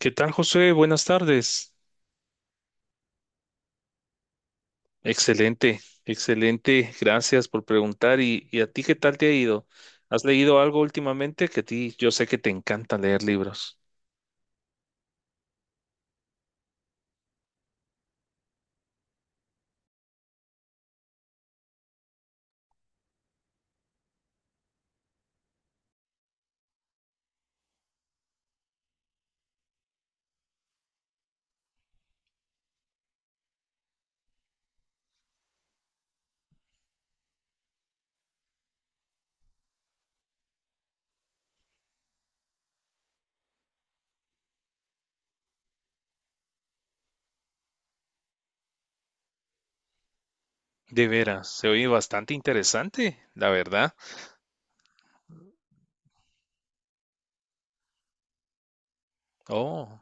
¿Qué tal, José? Buenas tardes. Excelente, excelente. Gracias por preguntar. ¿Y a ti qué tal te ha ido? ¿Has leído algo últimamente? Que a ti yo sé que te encanta leer libros. De veras, se oye bastante interesante, la verdad. Oh,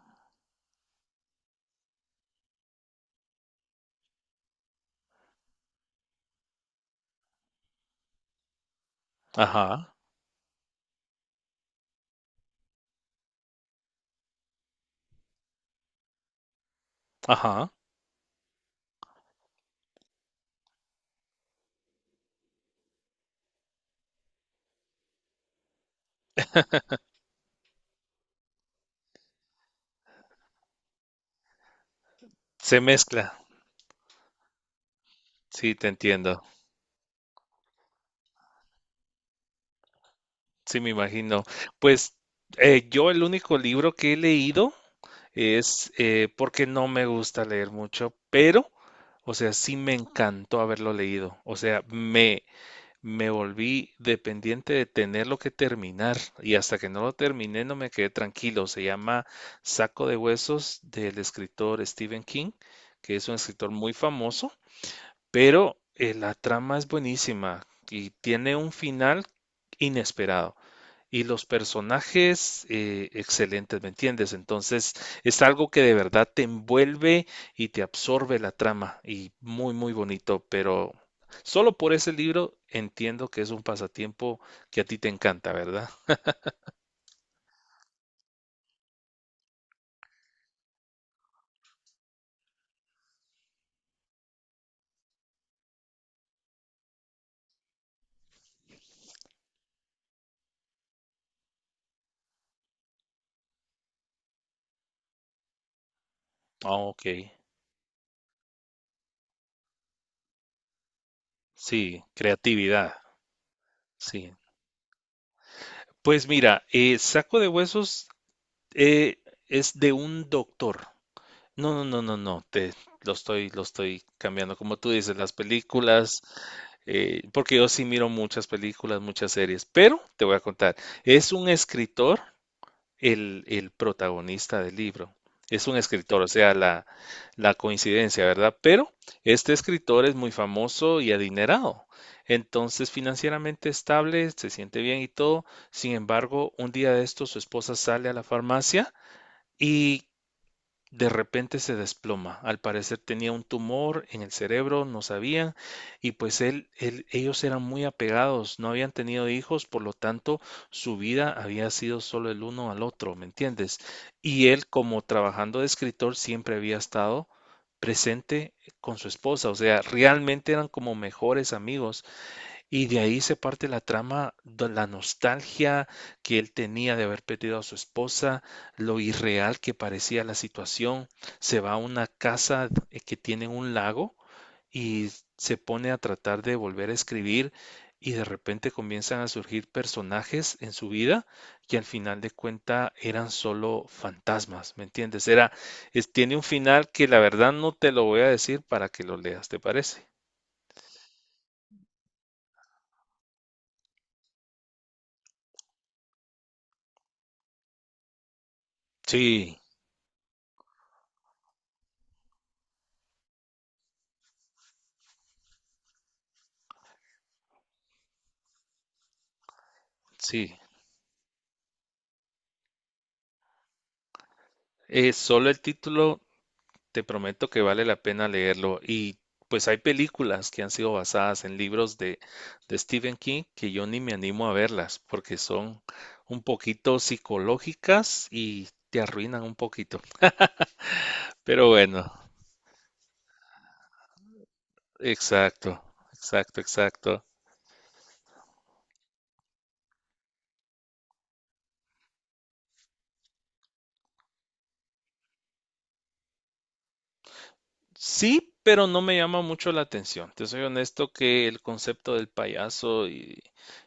ajá, ajá. Se mezcla. Sí, te entiendo. Sí, me imagino. Pues yo el único libro que he leído es porque no me gusta leer mucho, pero, o sea, sí me encantó haberlo leído. O sea, me volví dependiente de tenerlo que terminar y hasta que no lo terminé no me quedé tranquilo. Se llama Saco de Huesos del escritor Stephen King, que es un escritor muy famoso pero la trama es buenísima y tiene un final inesperado. Y los personajes excelentes, ¿me entiendes? Entonces es algo que de verdad te envuelve y te absorbe la trama y muy, muy bonito, pero solo por ese libro entiendo que es un pasatiempo que a ti te encanta, ¿verdad? Ah, ok, sí, creatividad, sí. Pues mira, Saco de Huesos eh, es de un doctor. No, no, no, no, no, te lo estoy cambiando. Como tú dices, las películas, porque yo sí miro muchas películas, muchas series, pero te voy a contar, es un escritor el protagonista del libro. Es un escritor, o sea, la coincidencia, ¿verdad? Pero este escritor es muy famoso y adinerado. Entonces, financieramente estable, se siente bien y todo. Sin embargo, un día de esto su esposa sale a la farmacia y de repente se desploma. Al parecer tenía un tumor en el cerebro, no sabían, y pues ellos eran muy apegados, no habían tenido hijos, por lo tanto su vida había sido solo el uno al otro, ¿me entiendes? Y él, como trabajando de escritor, siempre había estado presente con su esposa, o sea, realmente eran como mejores amigos y de ahí se parte la trama, de la nostalgia que él tenía de haber perdido a su esposa, lo irreal que parecía la situación. Se va a una casa que tiene un lago y se pone a tratar de volver a escribir y de repente comienzan a surgir personajes en su vida que al final de cuenta eran solo fantasmas, ¿me entiendes? Tiene un final que la verdad no te lo voy a decir para que lo leas, ¿te parece? Sí, sí. Solo el título, te prometo que vale la pena leerlo. Y pues hay películas que han sido basadas en libros de Stephen King que yo ni me animo a verlas porque son un poquito psicológicas y te arruinan un poquito. Pero bueno, exacto, exacto, exacto. Sí, pero no me llama mucho la atención. Te soy honesto que el concepto del payaso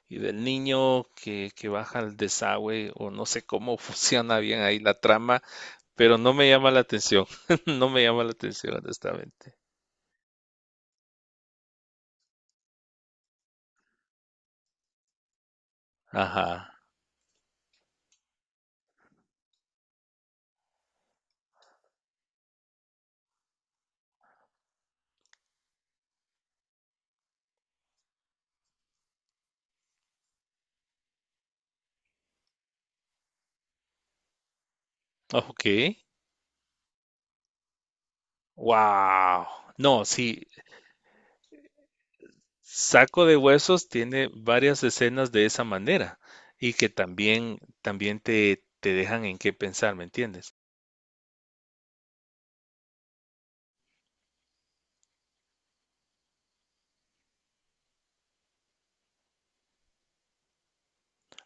y del niño que baja al desagüe o no sé cómo funciona bien ahí la trama. Pero no me llama la atención. No me llama la atención, honestamente. Ajá. Ok. Wow. No, sí. Saco de Huesos tiene varias escenas de esa manera y que también, también te dejan en qué pensar, ¿me entiendes?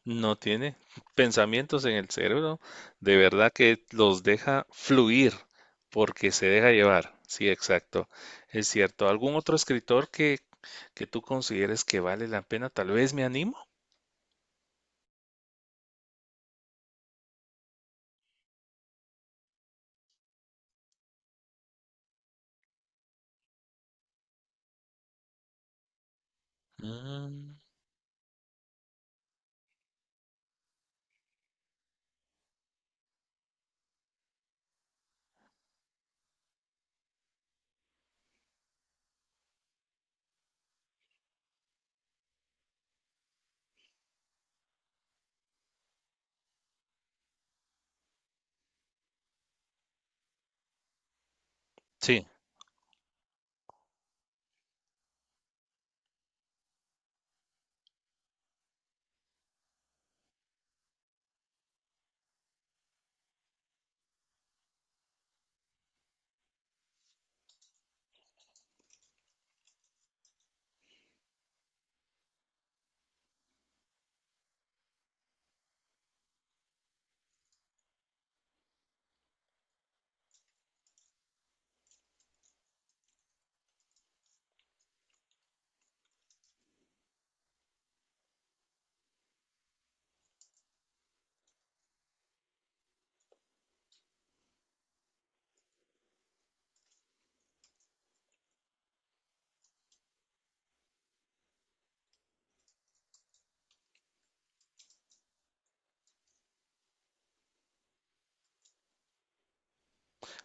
No tiene pensamientos en el cerebro, de verdad que los deja fluir porque se deja llevar. Sí, exacto. Es cierto. ¿Algún otro escritor que tú consideres que vale la pena? Tal vez me animo. Mm, sí,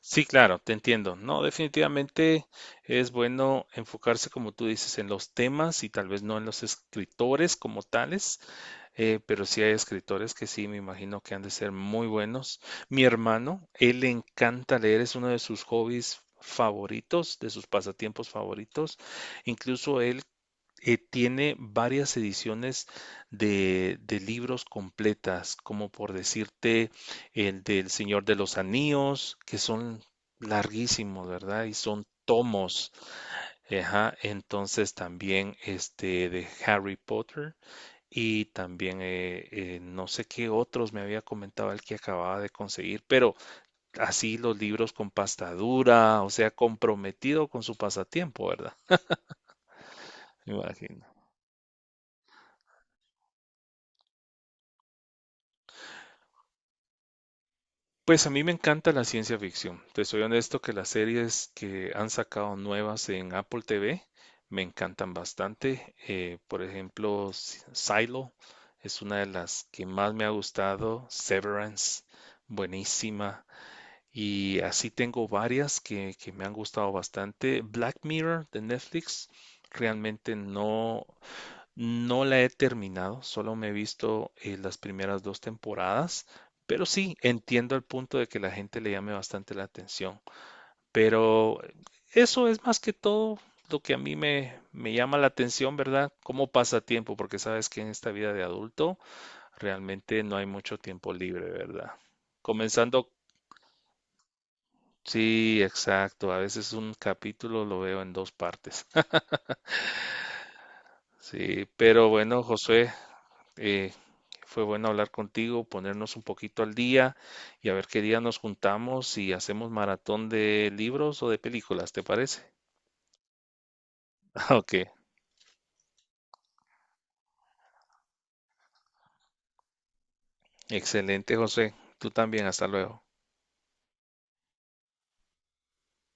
sí, claro, te entiendo. No, definitivamente es bueno enfocarse, como tú dices, en los temas y tal vez no en los escritores como tales, pero sí hay escritores que sí, me imagino que han de ser muy buenos. Mi hermano, él le encanta leer, es uno de sus hobbies favoritos, de sus pasatiempos favoritos. Incluso él tiene varias ediciones de libros completas, como por decirte el del Señor de los Anillos, que son larguísimos, ¿verdad? Y son tomos. Ajá, entonces también este de Harry Potter y también no sé qué otros me había comentado el que acababa de conseguir, pero así los libros con pasta dura, o sea, comprometido con su pasatiempo, ¿verdad? Me imagino. Pues a mí me encanta la ciencia ficción. Te soy honesto que las series que han sacado nuevas en Apple TV me encantan bastante. Por ejemplo, Silo es una de las que más me ha gustado. Severance, buenísima. Y así tengo varias que me han gustado bastante. Black Mirror de Netflix, realmente no. No la he terminado, solo me he visto las primeras dos temporadas, pero sí entiendo el punto de que la gente le llame bastante la atención. Pero eso es más que todo lo que a mí me llama la atención, ¿verdad? Cómo pasa tiempo, porque sabes que en esta vida de adulto realmente no hay mucho tiempo libre, ¿verdad? Comenzando, sí, exacto, a veces un capítulo lo veo en dos partes. Sí, pero bueno, José. Eh, fue bueno hablar contigo, ponernos un poquito al día y a ver qué día nos juntamos y hacemos maratón de libros o de películas, ¿te parece? Ok, excelente, José. Tú también, hasta luego.